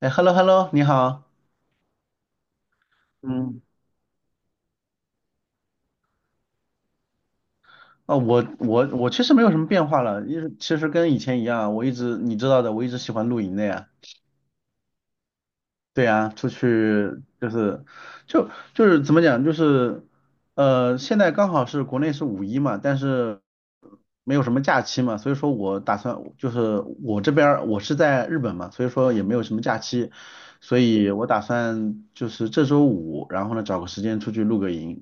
哎，hello hello，你好。嗯，我其实没有什么变化了，因为其实跟以前一样，我一直你知道的，我一直喜欢露营的呀。对呀，出去就是就是怎么讲，就是现在刚好是国内是五一嘛，但是没有什么假期嘛，所以说我打算就是我这边儿我是在日本嘛，所以说也没有什么假期，所以我打算就是这周五，然后呢找个时间出去露个营。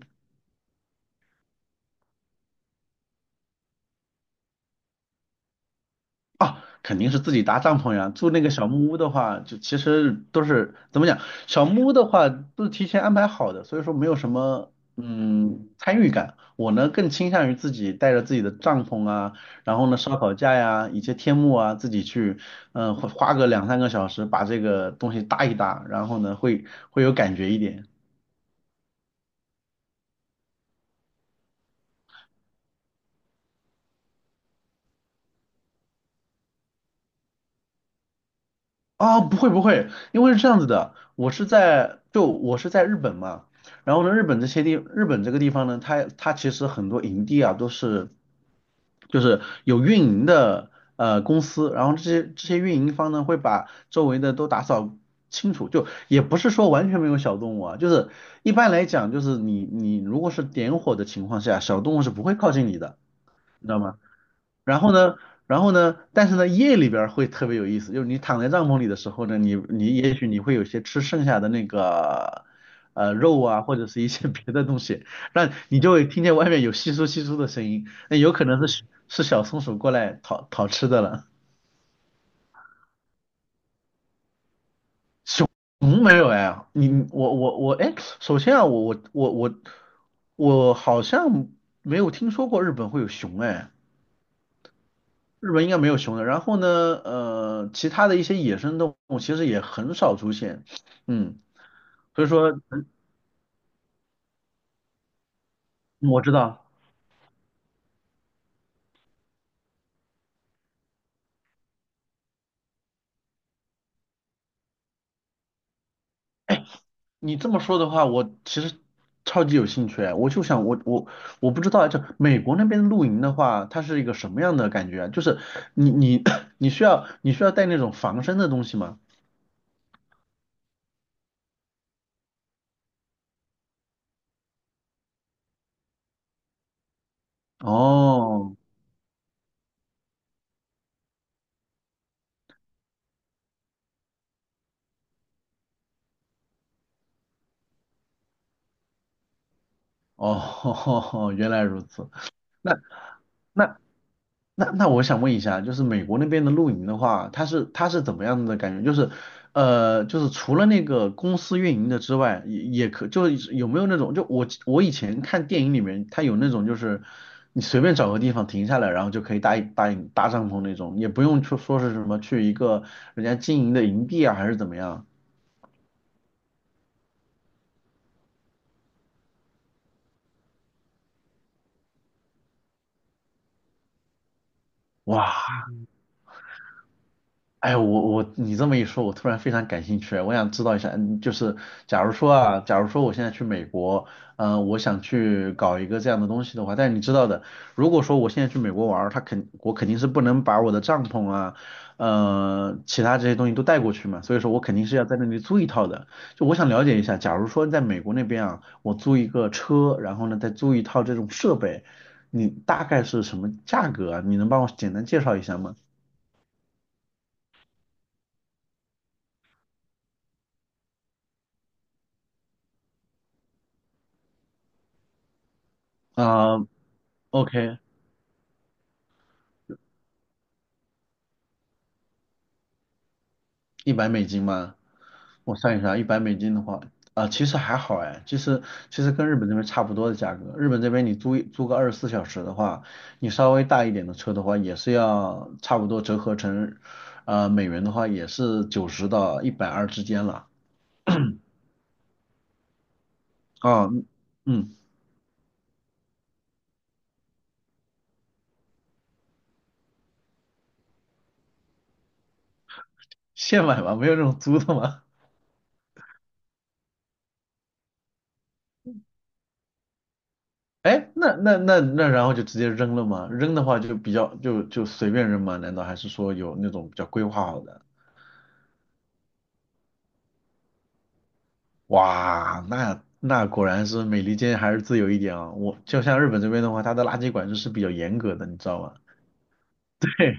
啊，肯定是自己搭帐篷呀。住那个小木屋的话，就其实都是怎么讲，小木屋的话都是提前安排好的，所以说没有什么参与感。我呢更倾向于自己带着自己的帐篷啊，然后呢烧烤架呀，以及天幕啊，自己去花个两三个小时把这个东西搭一搭，然后呢会有感觉一点。不会不会，因为是这样子的，我是在日本嘛，然后呢，日本这个地方呢，它其实很多营地啊都是就是有运营的公司，然后这些运营方呢会把周围的都打扫清楚，就也不是说完全没有小动物啊，就是一般来讲就是你如果是点火的情况下，小动物是不会靠近你的，你知道吗？然后呢，但是呢，夜里边儿会特别有意思，就是你躺在帐篷里的时候呢，也许你会有些吃剩下的那个肉啊，或者是一些 别的东西，那你就会听见外面有窸窣窸窣的声音，那有可能是小松鼠过来讨讨吃的了。熊没有哎，你我我我哎，首先啊，我我我我好像没有听说过日本会有熊哎。日本应该没有熊的。然后呢，其他的一些野生动物其实也很少出现，嗯，所以说嗯我知道你这么说的话，我其实超级有兴趣哎我就想我不知道哎，就美国那边露营的话，它是一个什么样的感觉啊？就是你 你需要带那种防身的东西吗？哦哦，原来如此。那那那我想问一下，就是美国那边的露营的话，它是怎么样的感觉？就是就是除了那个公司运营的之外，也就是有没有那种，就我以前看电影里面，它有那种就是你随便找个地方停下来，然后就可以搭一搭帐篷那种，也不用说是什么去一个人家经营的营地啊，还是怎么样？哇，哎，你这么一说，我突然非常感兴趣啊，我想知道一下，就是假如说我现在去美国，我想去搞一个这样的东西的话，但是你知道的，如果说我现在去美国玩儿，我肯定是不能把我的帐篷啊，其他这些东西都带过去嘛，所以说我肯定是要在那里租一套的。就我想了解一下，假如说在美国那边啊，我租一个车，然后呢再租一套这种设备，你大概是什么价格啊？你能帮我简单介绍一下吗？啊，OK，一百美金吗？我算一算，一百美金的话，其实还好哎，其实跟日本这边差不多的价格。日本这边你租个24小时的话，你稍微大一点的车的话，也是要差不多折合成，美元的话也是90到120之间了。啊、嗯，现买吗？没有这种租的吗？哎，那那那那，然后就直接扔了吗？扔的话就比较就随便扔吗？难道还是说有那种比较规划好的？哇，那果然是美利坚还是自由一点啊。我就像日本这边的话，它的垃圾管制是比较严格的，你知道吗？对，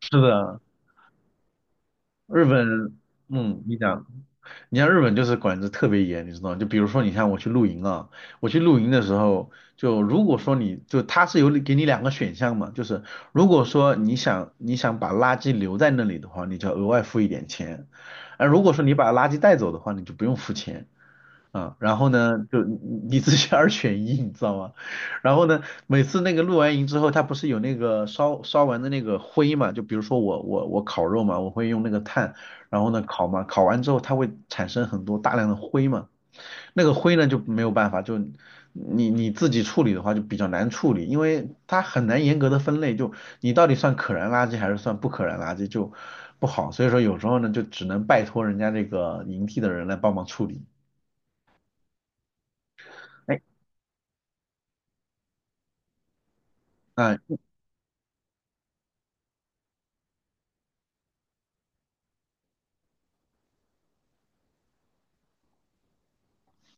是的，日本，嗯，你讲，你像日本就是管制特别严，你知道吗？就比如说，你看我去露营啊，我去露营的时候，就如果说它是有给你两个选项嘛，就是如果说你想把垃圾留在那里的话，你就要额外付一点钱，而如果说你把垃圾带走的话，你就不用付钱。啊，然后呢，就你自己 二选一，你知道吗？然后呢，每次那个露完营之后，它不是有那个烧完的那个灰嘛？就比如说我烤肉嘛，我会用那个炭，然后呢烤嘛，烤完之后它会产生很多大量的灰嘛，那个灰呢就没有办法，就你自己处理的话就比较难处理，因为它很难严格的分类，就你到底算可燃垃圾还是算不可燃垃圾就不好，所以说有时候呢就只能拜托人家这个营地的人来帮忙处理。哎。那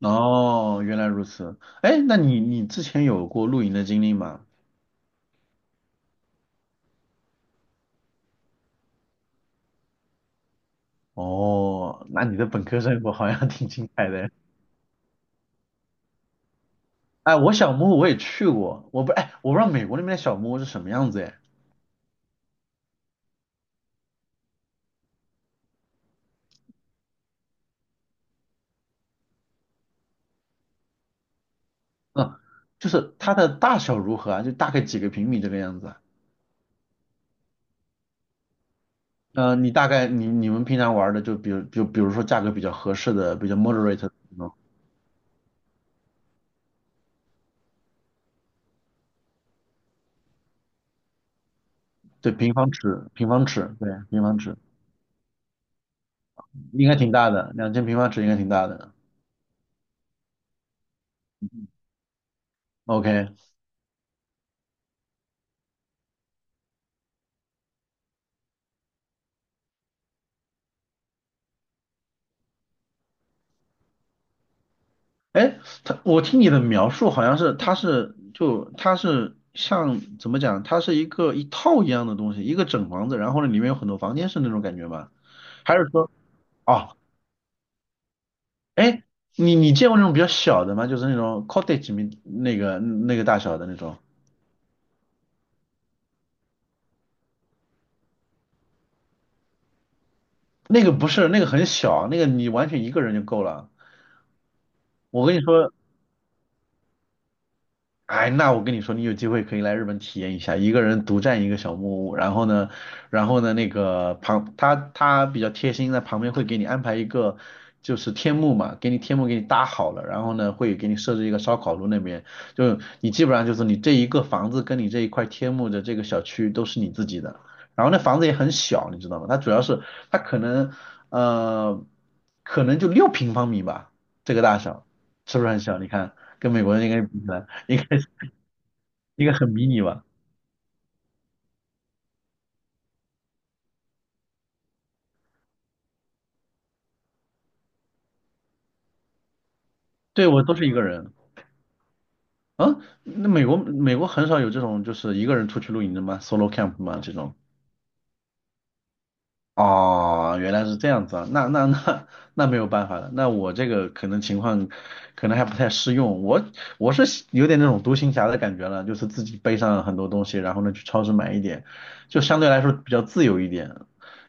哦，原来如此。哎，那你之前有过露营的经历吗？哦，那你的本科生活好像挺精彩的。哎，我小木屋我也去过，我不知道美国那边的小木屋是什么样子哎。嗯，就是它的大小如何啊？就大概几个平米这个样子嗯，你大概你你们平常玩的就比如说价格比较合适的，比较 moderate 的那种，对，平方尺，平方尺，对，平方尺应该挺大的，2000平方尺应该挺大的。OK，哎，我听你的描述好像是，它是像怎么讲，它是一个一套一样的东西，一个整房子，然后呢里面有很多房间是那种感觉吗？还是说，哦，哎，你见过那种比较小的吗？就是那种 cottage 名那个大小的那种，那个不是，那个很小，那个你完全一个人就够了。我跟你说，哎，那我跟你说，你有机会可以来日本体验一下，一个人独占一个小木屋，然后呢，然后呢，那个旁他他比较贴心，在旁边会给你安排一个就是天幕嘛，给你天幕给你搭好了，然后呢会给你设置一个烧烤炉那边，就你基本上就是你这一个房子跟你这一块天幕的这个小区都是你自己的，然后那房子也很小，你知道吗？它主要是它可能呃可能就6平方米吧，这个大小是不是很小？你看跟美国人应该比起来。应该很迷你吧？对，我都是一个人啊。那美国很少有这种就是一个人出去露营的吗？Solo camp 吗？这种？哦，原来是这样子啊。那没有办法了。那我这个可能情况可能还不太适用。我我有点那种独行侠的感觉了，就是自己背上很多东西，然后呢去超市买一点，就相对来说比较自由一点。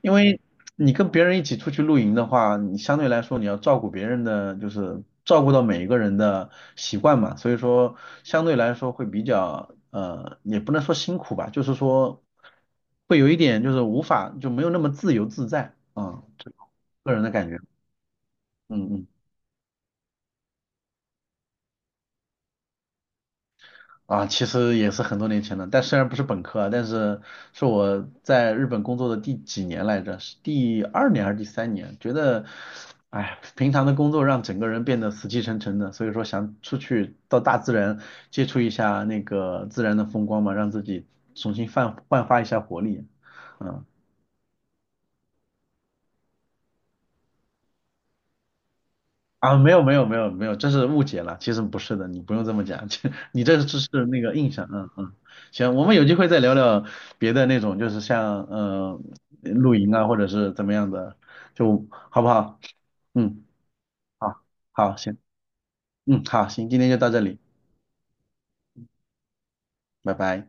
因为你跟别人一起出去露营的话，你相对来说你要照顾别人的，就是照顾到每一个人的习惯嘛，所以说相对来说会比较也不能说辛苦吧，就是说会有一点就是无法就没有那么自由自在啊，这个人的感觉，嗯嗯。啊，其实也是很多年前了，但虽然不是本科啊，但是是我在日本工作的第几年来着？是第二年还是第三年？觉得，哎，平常的工作让整个人变得死气沉沉的，所以说想出去到大自然接触一下那个自然的风光嘛，让自己重新焕发一下活力。嗯。啊，没有没有没有没有，这是误解了，其实不是的，你不用这么讲，这只是那个印象，嗯嗯，行，我们有机会再聊聊别的那种，就是像露营啊，或者是怎么样的，就好不好？嗯，好，好，行，嗯，好，行，今天就到这里，拜拜。